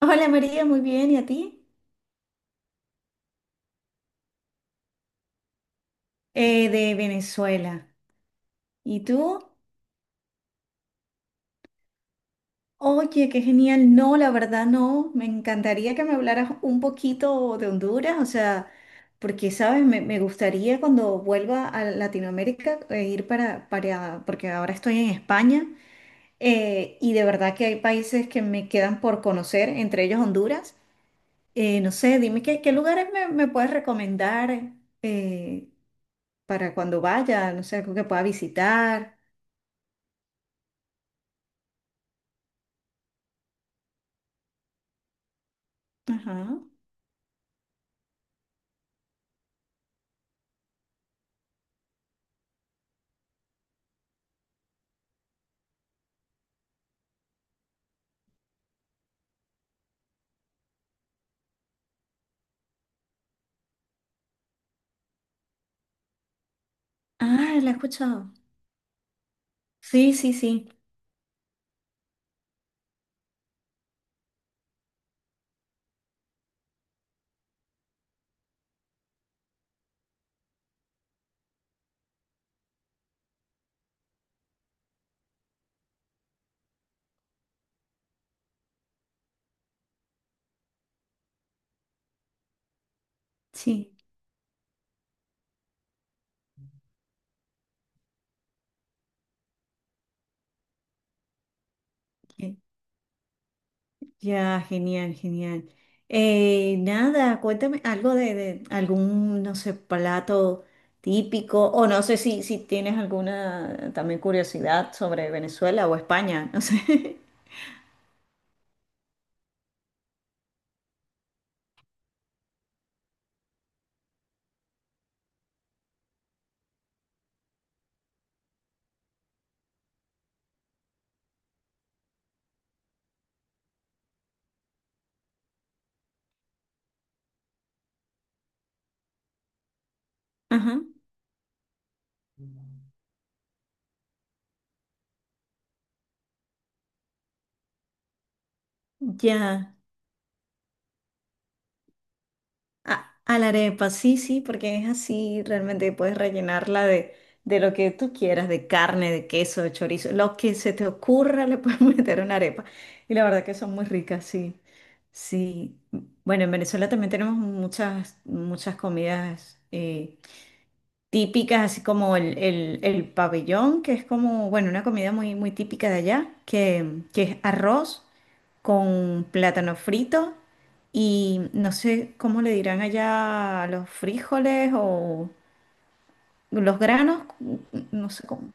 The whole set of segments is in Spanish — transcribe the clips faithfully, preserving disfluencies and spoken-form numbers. Hola María, muy bien. ¿Y a ti? Eh, de Venezuela. ¿Y tú? Oye, qué genial. No, la verdad no. Me encantaría que me hablaras un poquito de Honduras, o sea, porque, ¿sabes? Me, me gustaría cuando vuelva a Latinoamérica eh, ir para, para, porque ahora estoy en España, eh, y de verdad que hay países que me quedan por conocer, entre ellos Honduras. Eh, no sé, dime qué, qué lugares me, me puedes recomendar, eh, para cuando vaya, no sé, algo que pueda visitar. Ajá. Ah, la he escuchado. Sí, sí, sí, sí. Eh, Ya, genial, genial. Eh, nada, cuéntame algo de, de algún, no sé, plato típico, o no sé si, si tienes alguna también curiosidad sobre Venezuela o España, no sé. Ajá. Ya, A, a la arepa, sí, sí, porque es así, realmente puedes rellenarla de, de lo que tú quieras, de carne, de queso, de chorizo, lo que se te ocurra le puedes meter una arepa. Y la verdad que son muy ricas, sí. Sí. Bueno, en Venezuela también tenemos muchas, muchas comidas eh, típicas, así como el, el, el pabellón, que es como, bueno, una comida muy, muy típica de allá, que, que es arroz con plátano frito y no sé cómo le dirán allá a los frijoles o los granos, no sé cómo.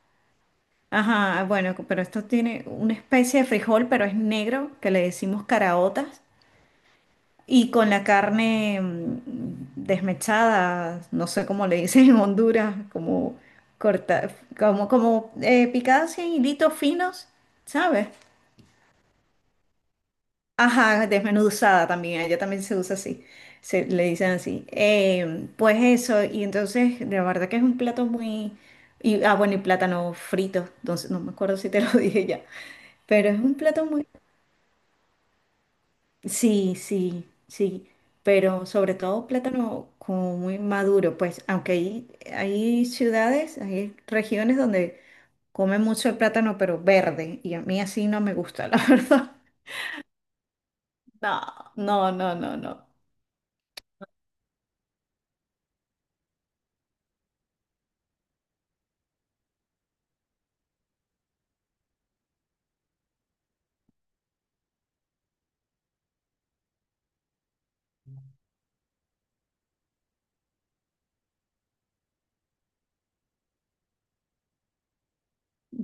Ajá, bueno, pero esto tiene una especie de frijol, pero es negro, que le decimos caraotas, y con la carne mm, desmechada, no sé cómo le dicen en Honduras, como corta, como, como eh, picada así en hilitos finos, ¿sabes? Ajá, desmenuzada también, allá también se usa así, se le dicen así. Em, pues eso, y entonces, de verdad que es un plato muy... Y, ah, bueno, y plátano frito, entonces no me acuerdo si te lo dije ya, pero es un plato muy... Sí, sí, sí, pero sobre todo plátano como muy maduro, pues aunque hay, hay ciudades, hay regiones donde comen mucho el plátano, pero verde, y a mí así no me gusta, la verdad. No, no, no, no, no.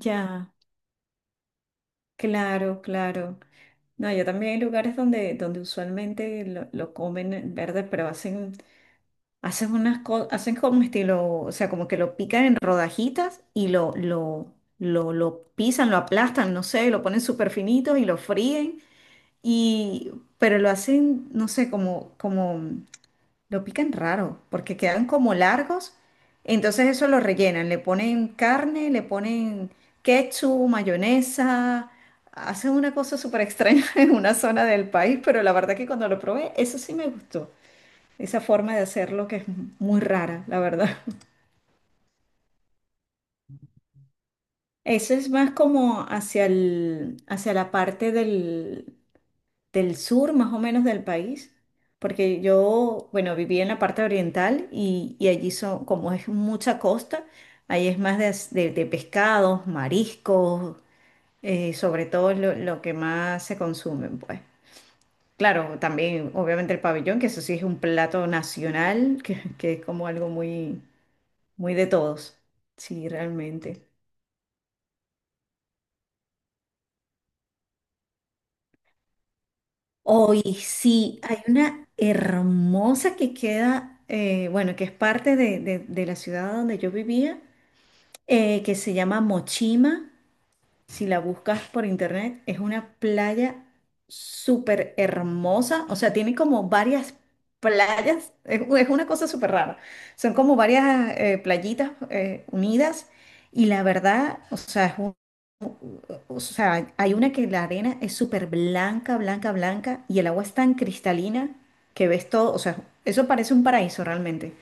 Ya. Claro, claro. No, yo también hay lugares donde, donde usualmente lo, lo comen verde, pero hacen, hacen unas cosas, hacen como estilo, o sea, como que lo pican en rodajitas y lo, lo, lo, lo pisan, lo aplastan, no sé, lo ponen súper finito y lo fríen, y pero lo hacen, no sé, como, como lo pican raro, porque quedan como largos. Entonces eso lo rellenan, le ponen carne, le ponen ketchup, mayonesa, hacen una cosa súper extraña en una zona del país, pero la verdad que cuando lo probé, eso sí me gustó, esa forma de hacerlo que es muy rara, la verdad. Eso es más como hacia el, hacia la parte del del sur más o menos del país, porque yo, bueno, viví en la parte oriental y, y allí son, como es mucha costa, ahí es más de, as- de- de pescados, mariscos, eh, sobre todo lo, lo que más se consumen, pues. Claro, también obviamente el pabellón, que eso sí es un plato nacional, que, que es como algo muy, muy de todos. Sí, realmente. Hoy sí, hay una hermosa que queda, eh, bueno, que es parte de, de- de la ciudad donde yo vivía, eh, que se llama Mochima. Si la buscas por internet, es una playa súper hermosa. O sea, tiene como varias playas. Es, u- es una cosa súper rara. Son como varias eh, playitas eh, unidas. Y la verdad, o sea, es un- o sea, hay una que la arena es súper blanca, blanca, blanca. Y el agua es tan cristalina que ves todo. O sea, eso parece un paraíso realmente.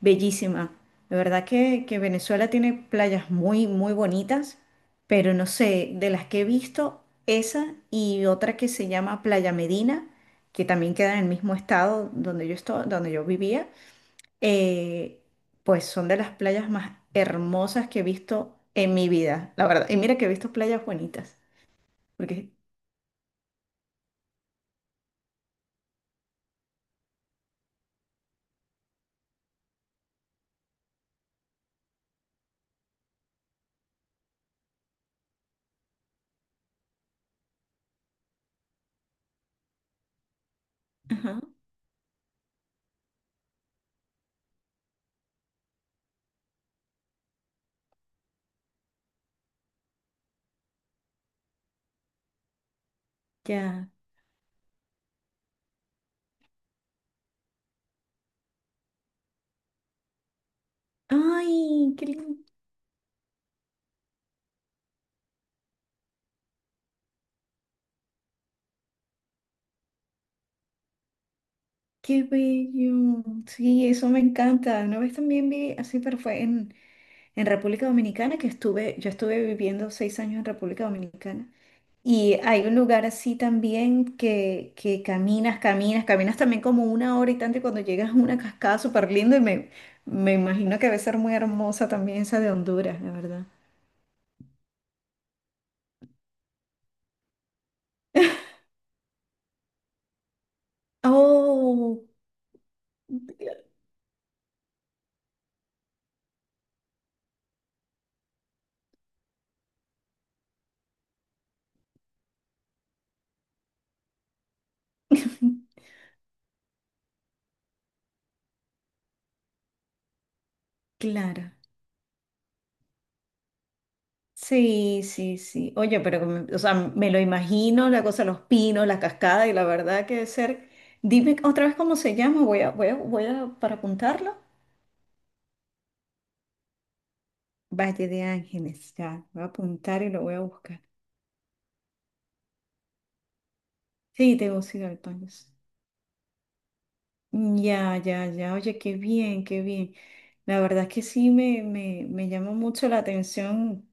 Bellísima. De verdad que, que Venezuela tiene playas muy, muy bonitas, pero no sé, de las que he visto, esa y otra que se llama Playa Medina, que también queda en el mismo estado donde yo esto- donde yo vivía, eh, pues son de las playas más hermosas que he visto en mi vida, la verdad. Y mira que he visto playas bonitas, porque, ajá, ya. Ay, qué, lin- qué bello. Sí, eso me encanta. Una vez también vi así, pero fue en, en República Dominicana que estuve, yo estuve viviendo seis años en República Dominicana. Y hay un lugar así también que, que caminas, caminas, caminas también como una hora y tanto y cuando llegas a una cascada súper linda y me, me imagino que debe ser muy hermosa también esa de Honduras, la verdad. Oh, claro. Sí, sí, sí. Oye, pero me- o sea, me lo imagino, la cosa, los pinos, la cascada y la verdad que debe ser... Dime otra vez cómo se llama, voy a, voy a, voy a, para apuntarlo. Valle de Ángeles, ya, voy a apuntar y lo voy a buscar. Sí, Tegucigalpa. Ya, ya, ya, oye, qué bien, qué bien. La verdad es que sí me, me, me llama mucho la atención,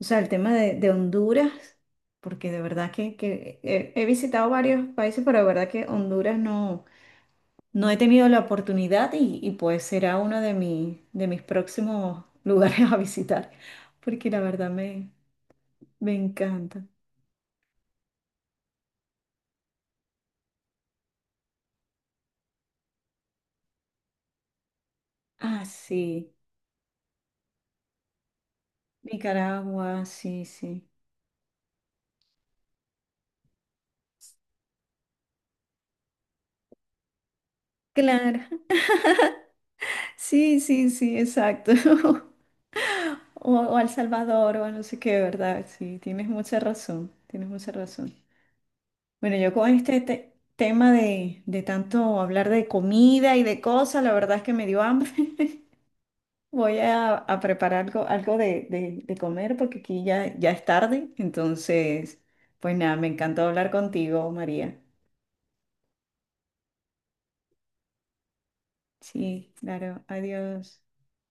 o sea, el tema de, de Honduras, porque de verdad que, que he, he visitado varios países, pero de verdad que Honduras no, no he tenido la oportunidad y, y pues será uno de, mi- de mis próximos lugares a visitar, porque la verdad me, me encanta. Ah, sí, Nicaragua, sí, sí. Claro, sí, sí, sí, exacto. O, o a El Salvador o a no sé qué, ¿verdad? Sí, tienes mucha razón, tienes mucha razón. Bueno, yo con este te- tema de, de tanto hablar de comida y de cosas, la verdad es que me dio hambre. Voy a, a preparar algo, algo de, de- de comer porque aquí ya, ya es tarde. Entonces, pues nada, me encantó hablar contigo, María. Sí, claro, adiós.